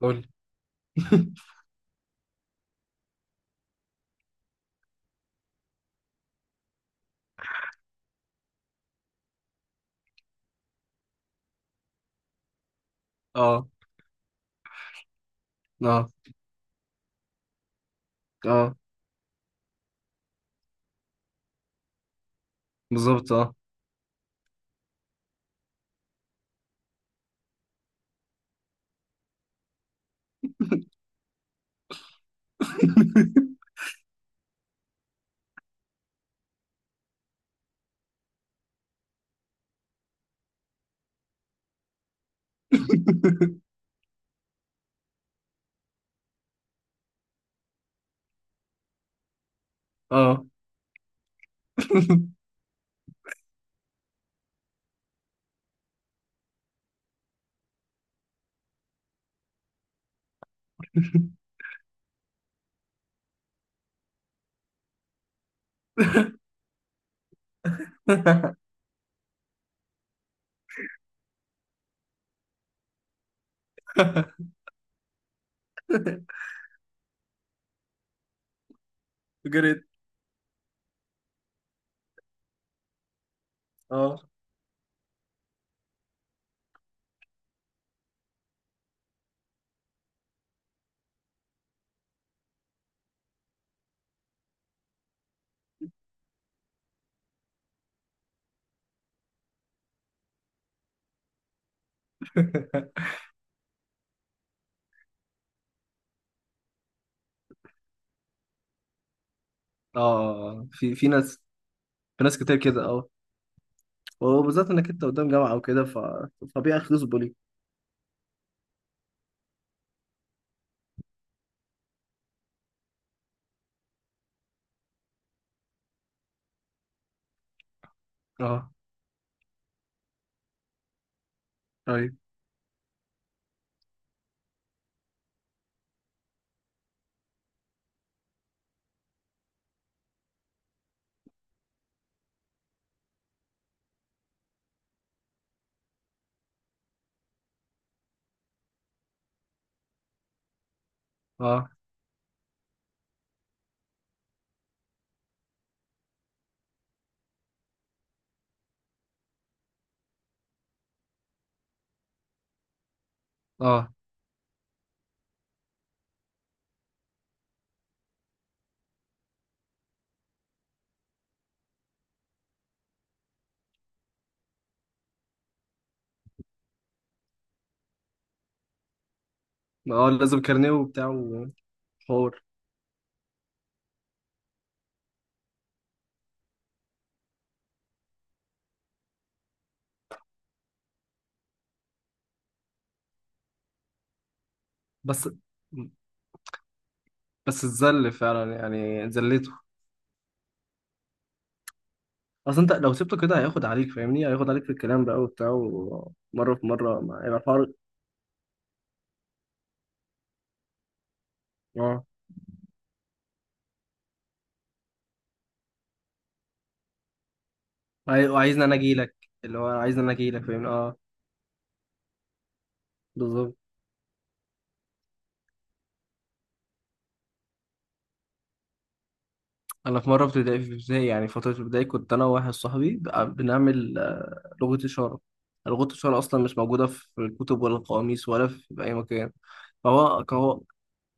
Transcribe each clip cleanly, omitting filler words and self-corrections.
قول. اه، اه، اه، بالظبط، اه، اه. جريت؟ اه، اه. في ناس. في ناس كتير كده، اه. وبالذات انك انت قدام جامعه او كده، ف طبيعي يخلصوا ليك. اه. طيب. اه، اه، اه، لازم كارنيه وبتاع وحوار. بس بس اتذل فعلا، يعني ذليته. اصل انت لو سبته كده هياخد عليك، فاهمني؟ هياخد عليك في الكلام بقى وبتاع، ومره في مره هيبقى الحوار. اه. وعايزني انا اجي لك. اللي هو عايزني انا اجي لك، فاهمني؟ اه، بالظبط. انا في مره، في ابتدائي، يعني فتره ابتدائي، كنت انا وواحد صاحبي بنعمل لغه اشاره. لغه الاشاره اصلا مش موجوده في الكتب ولا القواميس ولا في اي مكان. فهو هو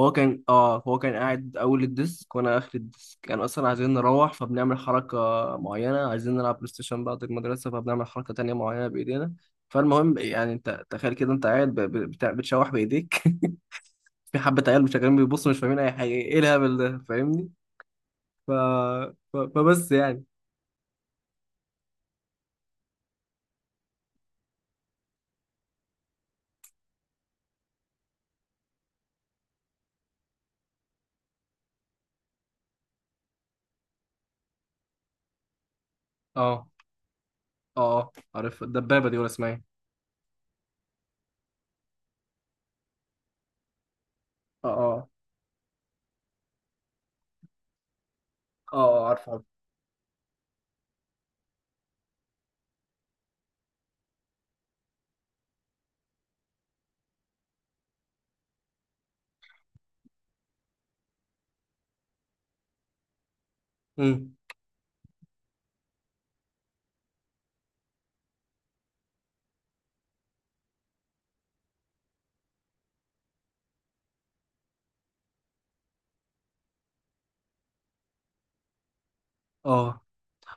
هو كان اه هو كان قاعد اول الديسك، وانا اخر الديسك. كان اصلا عايزين نروح، فبنعمل حركه معينه. عايزين نلعب بلاي ستيشن بعد المدرسه، فبنعمل حركه تانية معينه بايدينا. فالمهم يعني، انت تخيل كده انت قاعد بتشوح بايديك. في حبة عيال مش شغالين بيبصوا مش فاهمين أي حاجة، إيه الهبل ده؟ فاهمني؟ ف... فبس يعني. أه، أه، عارف الدبابة دي ولا اسمها إيه؟ أه، أه، أه، عارف، عارف. أمم، أه.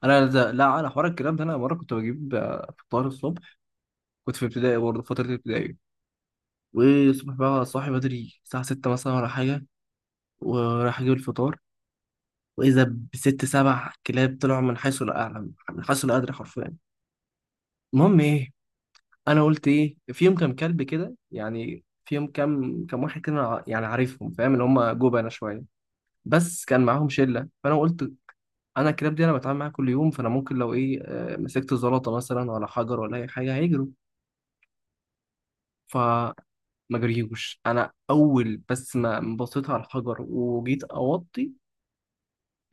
لا، أنا حوار الكلام ده، أنا مرة كنت بجيب فطار الصبح. كنت في ابتدائي برضه، فترة ابتدائي. والصبح بقى صاحي بدري، الساعة 6 مثلا ولا حاجة، ورايح أجيب الفطار. وإذا بست سبع كلاب طلعوا من حيث لا أعلم، من حيث لا أدري، حرفيا. المهم إيه، انا قلت ايه فيهم كام كلب كده، يعني فيهم كام واحد كده، أنا يعني عارفهم، فاهم اللي هم جبنه شويه، بس كان معاهم شله. فانا قلت انا الكلاب دي انا بتعامل معاها كل يوم، فانا ممكن لو ايه، مسكت زلطه مثلا ولا حجر ولا اي حاجه هيجروا. فما جريوش، انا اول بس ما بصيت على الحجر وجيت اوطي،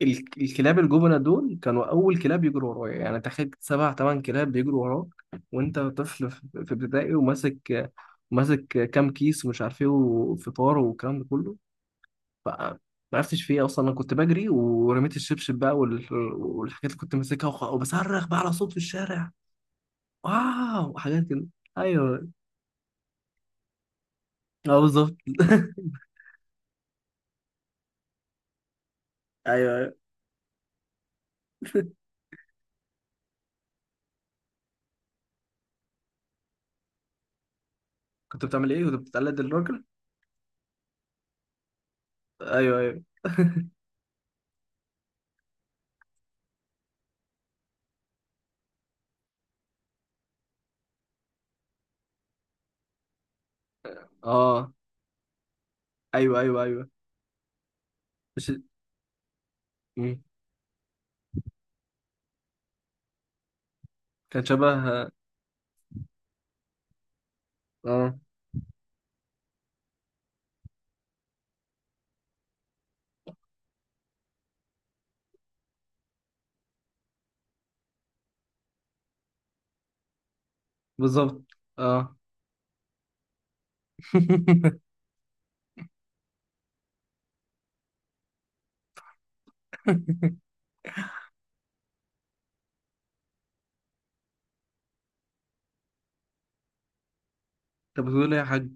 الكلاب الجبنة دول كانوا أول كلاب يجروا ورايا. يعني تخيل سبع تمن كلاب بيجروا وراك، وأنت طفل في ابتدائي، وماسك كام كيس ومش عارف إيه وفطار والكلام ده كله. ف- ما عرفتش في إيه أصلا. أنا كنت بجري ورميت الشبشب بقى والحاجات اللي كنت ماسكها، وبصرخ بقى على صوت في الشارع، واو، وحاجات كده. أيوه. أه، بالظبط. أيوه، أيوه. كنت بتعمل إيه؟ كنت بتقلد الراجل؟ أيوه، أيوه. أه. أيوه، أيوه، أيوه. مش. مم. كان شبه. اه، بالظبط، اه. طب بتقول ايه يا حاج؟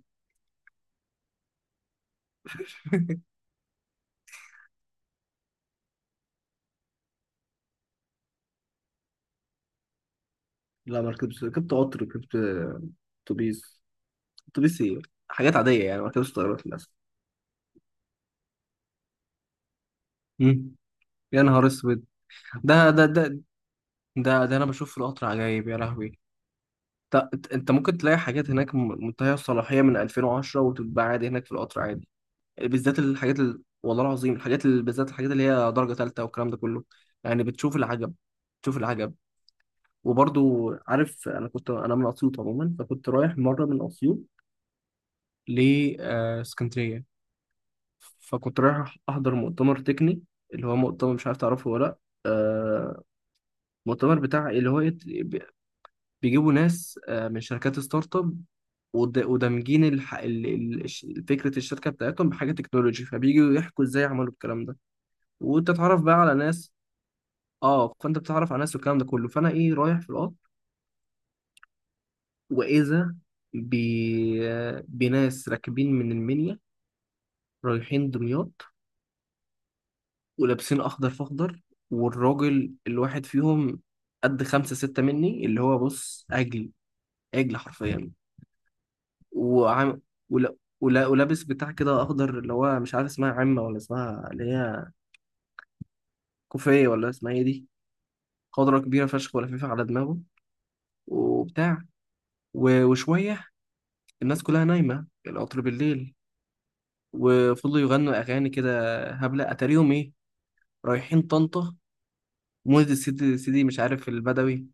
لا، ما ركبتش. ركبت قطر، ركبت اتوبيس. اتوبيس، ايه، حاجات عاديه يعني. ما ركبتش طيارات للاسف. مم. يا نهار اسود. ده ده ده ده انا بشوف في القطر عجايب يا لهوي. انت ممكن تلاقي حاجات هناك منتهيه الصلاحيه من 2010 وتتباع عادي هناك في القطر عادي. بالذات الحاجات والله العظيم الحاجات بالذات الحاجات اللي هي درجه ثالثه والكلام ده كله. يعني بتشوف العجب. تشوف العجب. وبرضو عارف، انا كنت، انا من اسيوط عموما. فكنت رايح مره من اسيوط لاسكندريه، فكنت رايح احضر مؤتمر تقني. اللي هو مؤتمر، مش عارف تعرفه ولا لا. آه، مؤتمر بتاع اللي هو بيجيبوا ناس، من شركات ستارت اب. ودمجين الح... ال- ال- الش- فكرة الشركة بتاعتهم بحاجة تكنولوجي، فبييجوا يحكوا ازاي عملوا الكلام ده، وتتعرف بقى على ناس. اه. فانت بتتعرف على ناس والكلام ده كله. فانا ايه، رايح في القطر، وإذا ب... بناس راكبين من المنيا، رايحين دمياط، ولابسين أخضر في أخضر. والراجل الواحد فيهم قد خمسة ستة مني، اللي هو بص عجل، عجل حرفيا. وعم... ولا... ولابس بتاع كده أخضر، اللي هو مش عارف اسمها عمة ولا اسمها اللي هي كوفية، ولا اسمها ايه دي. خضرة كبيرة فشخ ولفيفة على دماغه، وبتاع. وشوية، الناس كلها نايمة القطر بالليل، وفضلوا يغنوا أغاني كده هبلة. أتاريهم إيه؟ رايحين طنطا، مولد السيدي، سيدي مش عارف البدوي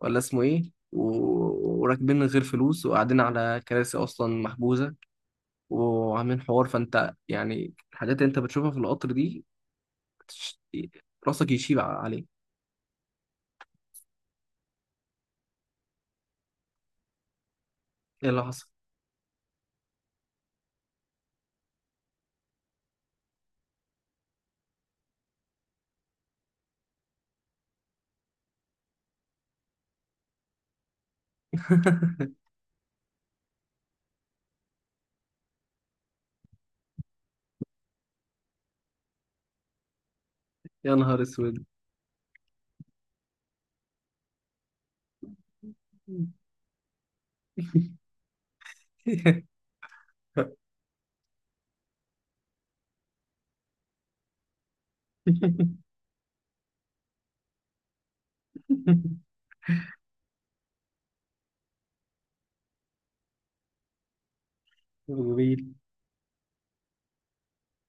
ولا اسمه ايه. وراكبين من غير فلوس وقاعدين على كراسي اصلا محجوزه، وعاملين حوار. فانت يعني الحاجات اللي انت بتشوفها في القطر دي، بتش- راسك يشيب عليه. ايه اللي حصل؟ يا نهار اسود. غريب.